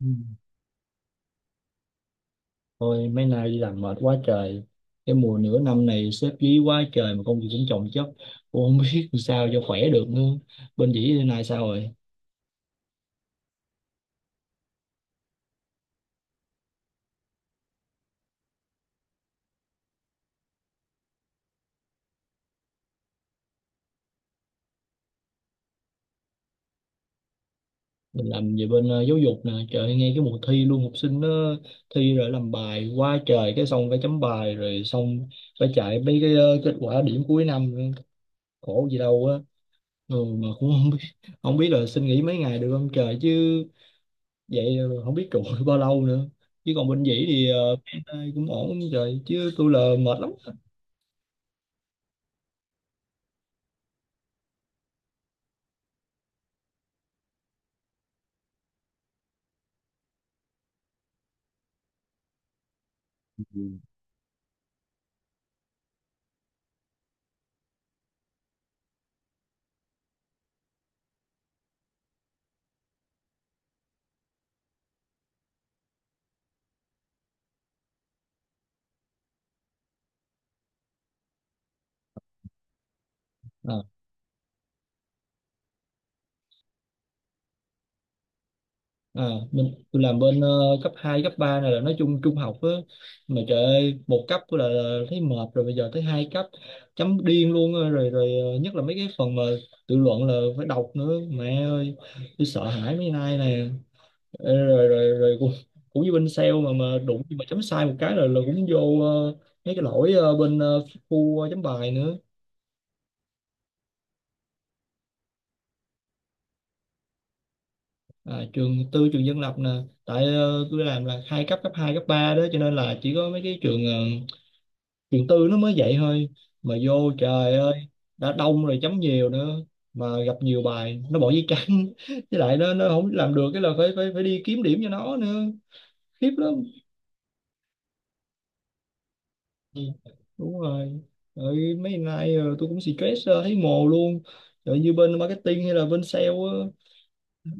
Ừ. Thôi mấy nay đi làm mệt quá trời. Cái mùa nửa năm này xếp dí quá trời. Mà công việc cũng chồng chất. Cũng không biết làm sao cho khỏe được nữa. Bên dĩ bên này sao rồi? Mình làm về bên giáo dục nè. Trời ơi, nghe cái mùa thi luôn. Học sinh nó thi rồi làm bài quá trời. Cái xong phải chấm bài. Rồi xong phải chạy mấy cái kết quả điểm cuối năm nữa. Khổ gì đâu á. Mà cũng không biết. Không biết là xin nghỉ mấy ngày được không trời chứ vậy. Ờ, Không biết trụ được bao lâu nữa, chứ còn bên dĩ thì bên ai cũng ổn như trời, chứ tôi là mệt lắm. à, à mình tôi làm bên cấp 2 cấp 3 này là nói chung trung học á. Mà trời ơi một cấp tôi là thấy mệt rồi, bây giờ tới hai cấp chấm điên luôn á. Rồi rồi ờ, Nhất là mấy cái phần mà tự luận là phải đọc nữa, mẹ ơi tôi sợ hãi mấy nay nè. Ê, rồi rồi rồi cũng, cũng như bên sale mà đụng mà chấm sai một cái là cũng vô ờ, mấy cái lỗi ờ, bên ờ, khu ờ, chấm bài nữa. Trường tư trường dân lập nè. Tại tôi làm là hai cấp cấp 2 cấp 3 đó, cho nên là chỉ có mấy cái trường trường tư nó mới vậy thôi. Mà vô trời ơi, đã đông rồi chấm nhiều nữa, mà gặp nhiều bài nó bỏ giấy trắng với lại nó không làm được cái là phải phải phải đi kiếm điểm cho nó nữa. Khiếp lắm. Ừ, đúng rồi. Rồi mấy ngày nay tôi cũng stress thấy mồ luôn. Rồi như bên marketing hay là bên sale á,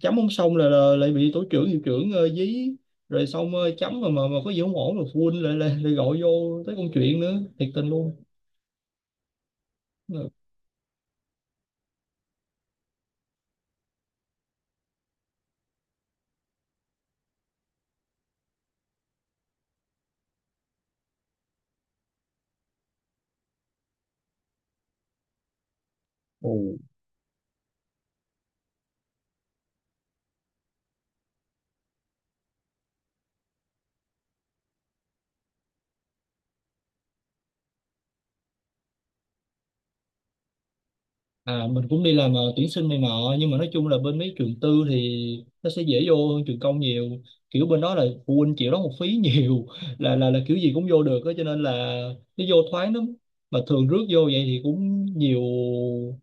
chấm không xong là lại bị tổ trưởng hiệu trưởng dí. Rồi xong chấm mà mà có gì không ổn rồi phụ huynh lại lại, lại gọi vô tới công chuyện nữa, thiệt tình luôn. Ờ, ồ à Mình cũng đi làm tuyển sinh này nọ, nhưng mà nói chung là bên mấy trường tư thì nó sẽ dễ vô hơn trường công nhiều. Kiểu bên đó là phụ huynh chịu đóng học phí nhiều là kiểu gì cũng vô được á, cho nên là nó vô thoáng lắm. Mà thường rước vô vậy thì cũng nhiều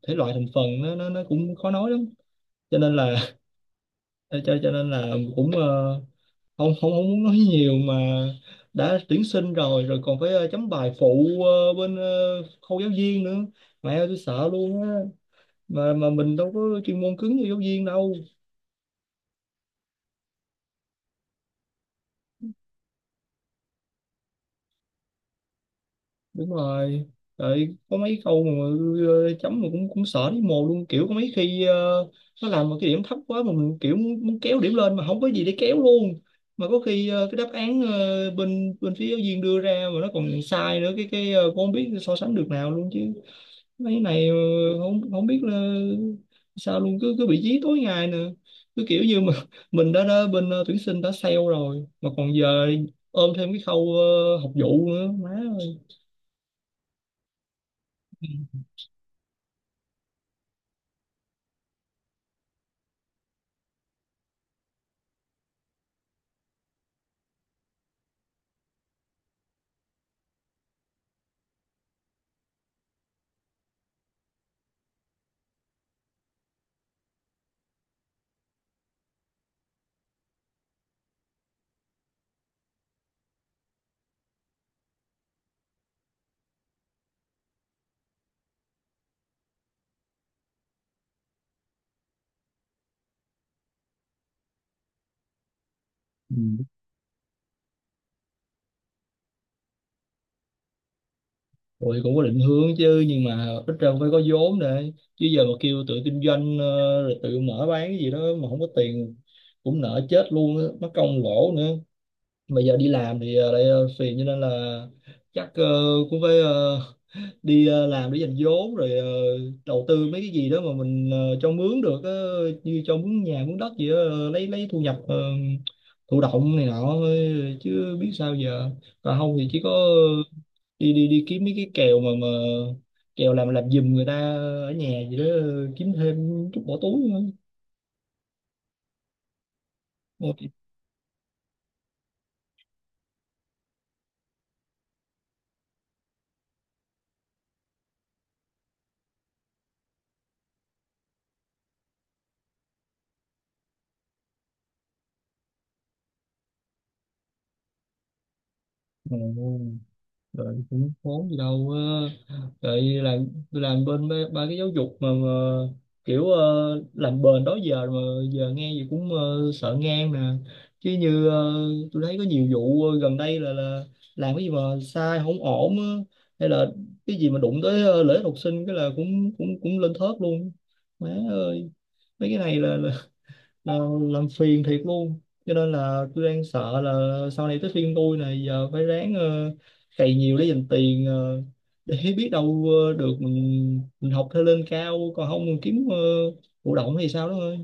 thể loại thành phần, nó cũng khó nói lắm cho nên là cho nên là cũng không không không muốn nói nhiều mà. Đã tuyển sinh rồi rồi còn phải chấm bài phụ khâu giáo viên nữa, mẹ ơi tôi sợ luôn á. Mà mình đâu có chuyên môn cứng như giáo viên đâu. Đúng rồi. Rồi có mấy câu mà chấm mà cũng cũng sợ thấy mồ luôn. Kiểu có mấy khi nó làm một cái điểm thấp quá mà mình kiểu muốn kéo điểm lên mà không có gì để kéo luôn. Mà có khi cái đáp án ờ, bên bên phía giáo viên đưa ra mà nó còn sai nữa, cái cũng không biết so sánh được nào luôn chứ. Mấy này không không biết là sao luôn, cứ cứ bị dí tối ngày nè. Cứ kiểu như mà mình đã bên tuyển sinh đã sale rồi, mà còn giờ ôm thêm cái khâu học vụ nữa, má ơi. Ừ. Rồi cũng có định hướng chứ, nhưng mà ít ra cũng phải có vốn để, chứ giờ mà kêu tự kinh doanh rồi tự mở bán cái gì đó mà không có tiền cũng nợ chết luôn á, mất công lỗ nữa. Mà giờ đi làm thì phiền, cho nên là chắc cũng phải làm để dành vốn rồi đầu tư mấy cái gì đó mà mình cho mướn được, như cho mướn nhà mướn đất gì đó, lấy thu nhập thụ động này nọ thôi, chứ biết sao giờ. Còn không thì chỉ có đi đi đi kiếm mấy cái kèo mà kèo làm giùm người ta ở nhà gì đó, kiếm thêm chút bỏ túi nữa. Ôi, ồ, Rồi cũng khốn gì đâu. Rồi làm tôi làm bên ba cái giáo dục mà kiểu làm bền đó giờ mà giờ nghe gì cũng sợ ngang nè. Chứ như tôi thấy có nhiều vụ gần đây là làm cái gì mà sai không ổn á, hay là cái gì mà đụng tới lợi ích học sinh cái là cũng cũng cũng lên thớt luôn, má ơi. Mấy cái này là Ờ, làm phiền thiệt luôn. Cho nên là tôi đang sợ là sau này tới phiên tôi, này giờ phải ráng cày nhiều để dành tiền, để biết đâu được mình học thêm lên cao, còn không mình kiếm thụ động hay sao đó ơi.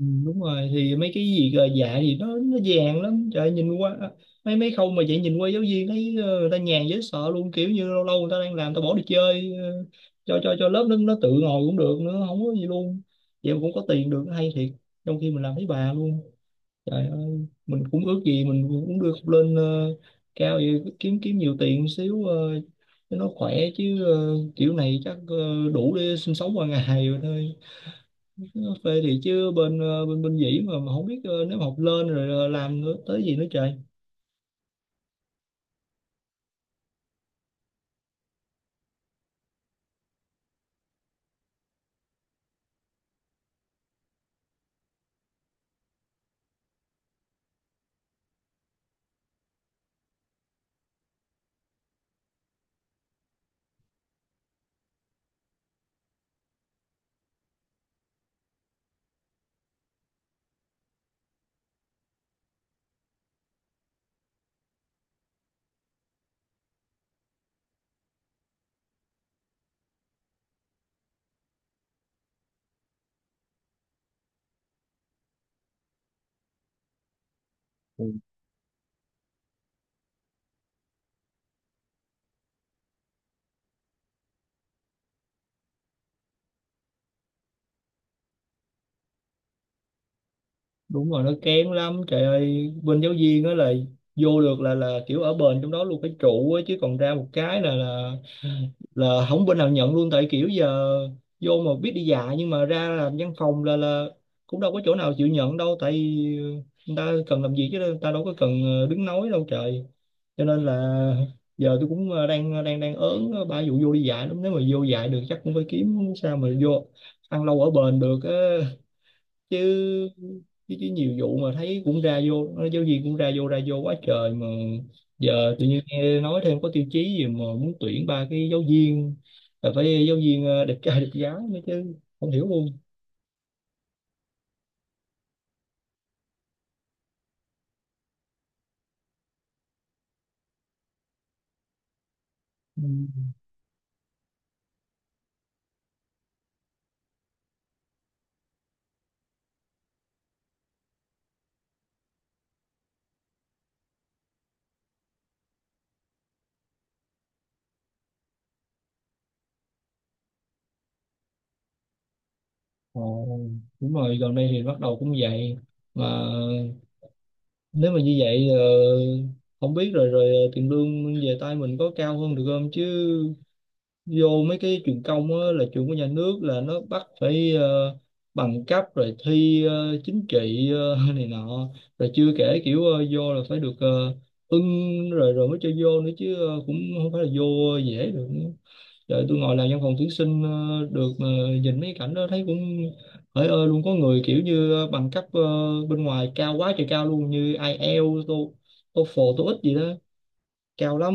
Ừ, đúng rồi, thì mấy cái gì gờ dạ thì nó vàng lắm, trời ơi. Nhìn qua mấy mấy khâu mà vậy, nhìn qua giáo viên thấy người ta nhàn dễ sợ luôn. Kiểu như lâu lâu người ta đang làm ta bỏ đi chơi, cho lớp nó tự ngồi cũng được nữa, không có gì luôn. Vậy mà cũng có tiền được, hay thiệt, trong khi mình làm thấy bà luôn. Trời ơi mình cũng ước gì mình cũng đưa lên cao vậy, kiếm kiếm nhiều tiền xíu cho nó khỏe, chứ kiểu này chắc đủ để sinh sống qua ngày rồi thôi. Cà phê thì chứ bên ờ, bên bên dĩ mà không biết nếu mà học lên rồi làm nữa tới gì nữa trời. Đúng rồi, nó kén lắm trời ơi. Bên giáo viên á là vô được là kiểu ở bền trong đó luôn cái trụ á, chứ còn ra một cái là không bên nào nhận luôn. Tại kiểu giờ vô mà biết đi dạ, nhưng mà ra làm văn phòng là cũng đâu có chỗ nào chịu nhận đâu. Tại ờ, người ta cần làm gì, chứ người ta đâu có cần đứng nói đâu trời. Cho nên là giờ tôi cũng đang đang ớn ba vụ vô đi dạy lắm. Nếu mà vô dạy được chắc cũng phải kiếm sao mà vô ăn lâu ở bền được á. Chứ chứ chứ nhiều vụ mà thấy cũng ra vô, giáo viên cũng ra vô quá trời. Mà giờ tự nhiên nghe nói thêm có tiêu chí gì mà muốn tuyển ba cái giáo viên là phải giáo viên đẹp trai đẹp gái nữa chứ, không hiểu luôn. Ừ. Ồ, đúng rồi, gần đây thì bắt đầu cũng vậy. Mà nếu mà như vậy không biết rồi rồi ờ, tiền lương về tay mình có cao hơn được không chứ. Vô mấy cái trường công á, là trường của nhà nước là nó bắt phải bằng cấp rồi thi chính trị này nọ. Rồi chưa kể kiểu vô là phải được ưng rồi rồi mới cho vô nữa chứ, cũng không phải là vô dễ được để tôi ngồi làm văn phòng tuyển sinh được mà. Nhìn mấy cảnh đó thấy cũng hỡi ơi luôn. Có người kiểu như bằng cấp bên ngoài cao quá trời cao luôn, như ai IELTS, TOEFL, TOEIC gì đó cao lắm,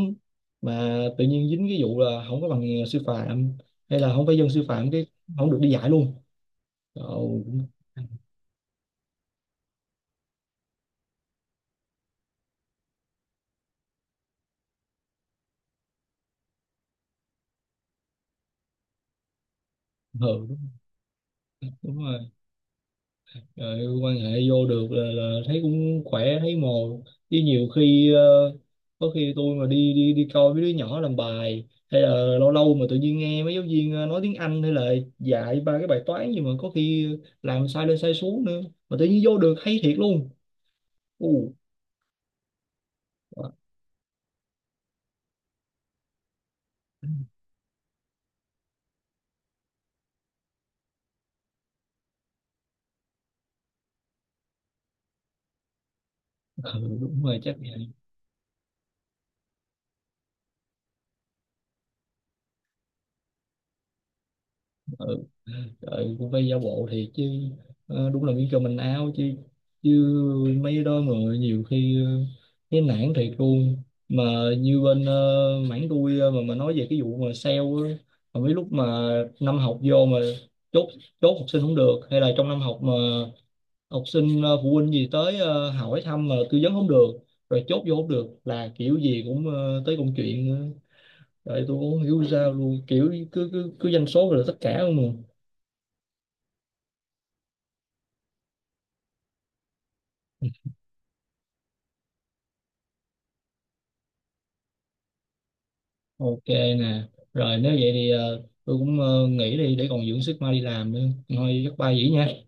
mà tự nhiên dính cái vụ là không có bằng sư phạm, hay là không phải dân sư phạm, cái không được đi dạy luôn. Trời cũng hờ đúng, đúng rồi. Rồi quan hệ vô được là thấy cũng khỏe thấy mồ, chứ nhiều khi có khi tôi mà đi đi đi coi mấy đứa nhỏ làm bài, hay là lâu lâu mà tự nhiên nghe mấy giáo viên nói tiếng Anh, hay là dạy ba cái bài toán gì mà có khi làm sai lên sai xuống nữa mà tự nhiên vô được, hay thiệt luôn. Ồ, ừ, đúng rồi chắc. Ừ. Trời, cũng phải giả bộ thiệt chứ. Ờ, đúng là miếng cơm mình áo chứ, chứ mấy đó mà nhiều khi cái nản thiệt luôn. Mà như bên mảng tôi mà nói về cái vụ mà sale á, mà mấy lúc mà năm học vô mà chốt chốt học sinh không được, hay là trong năm học mà học sinh phụ huynh gì tới hỏi thăm mà tư vấn không được, rồi chốt vô không được là kiểu gì cũng tới công chuyện nữa. Tôi cũng không hiểu sao luôn, kiểu cứ cứ cứ doanh số rồi là tất cả luôn mà. Ok nè, rồi nếu vậy thì tôi cũng nghỉ đi để còn dưỡng sức mai đi làm nữa. Thôi chắc bye vậy nha.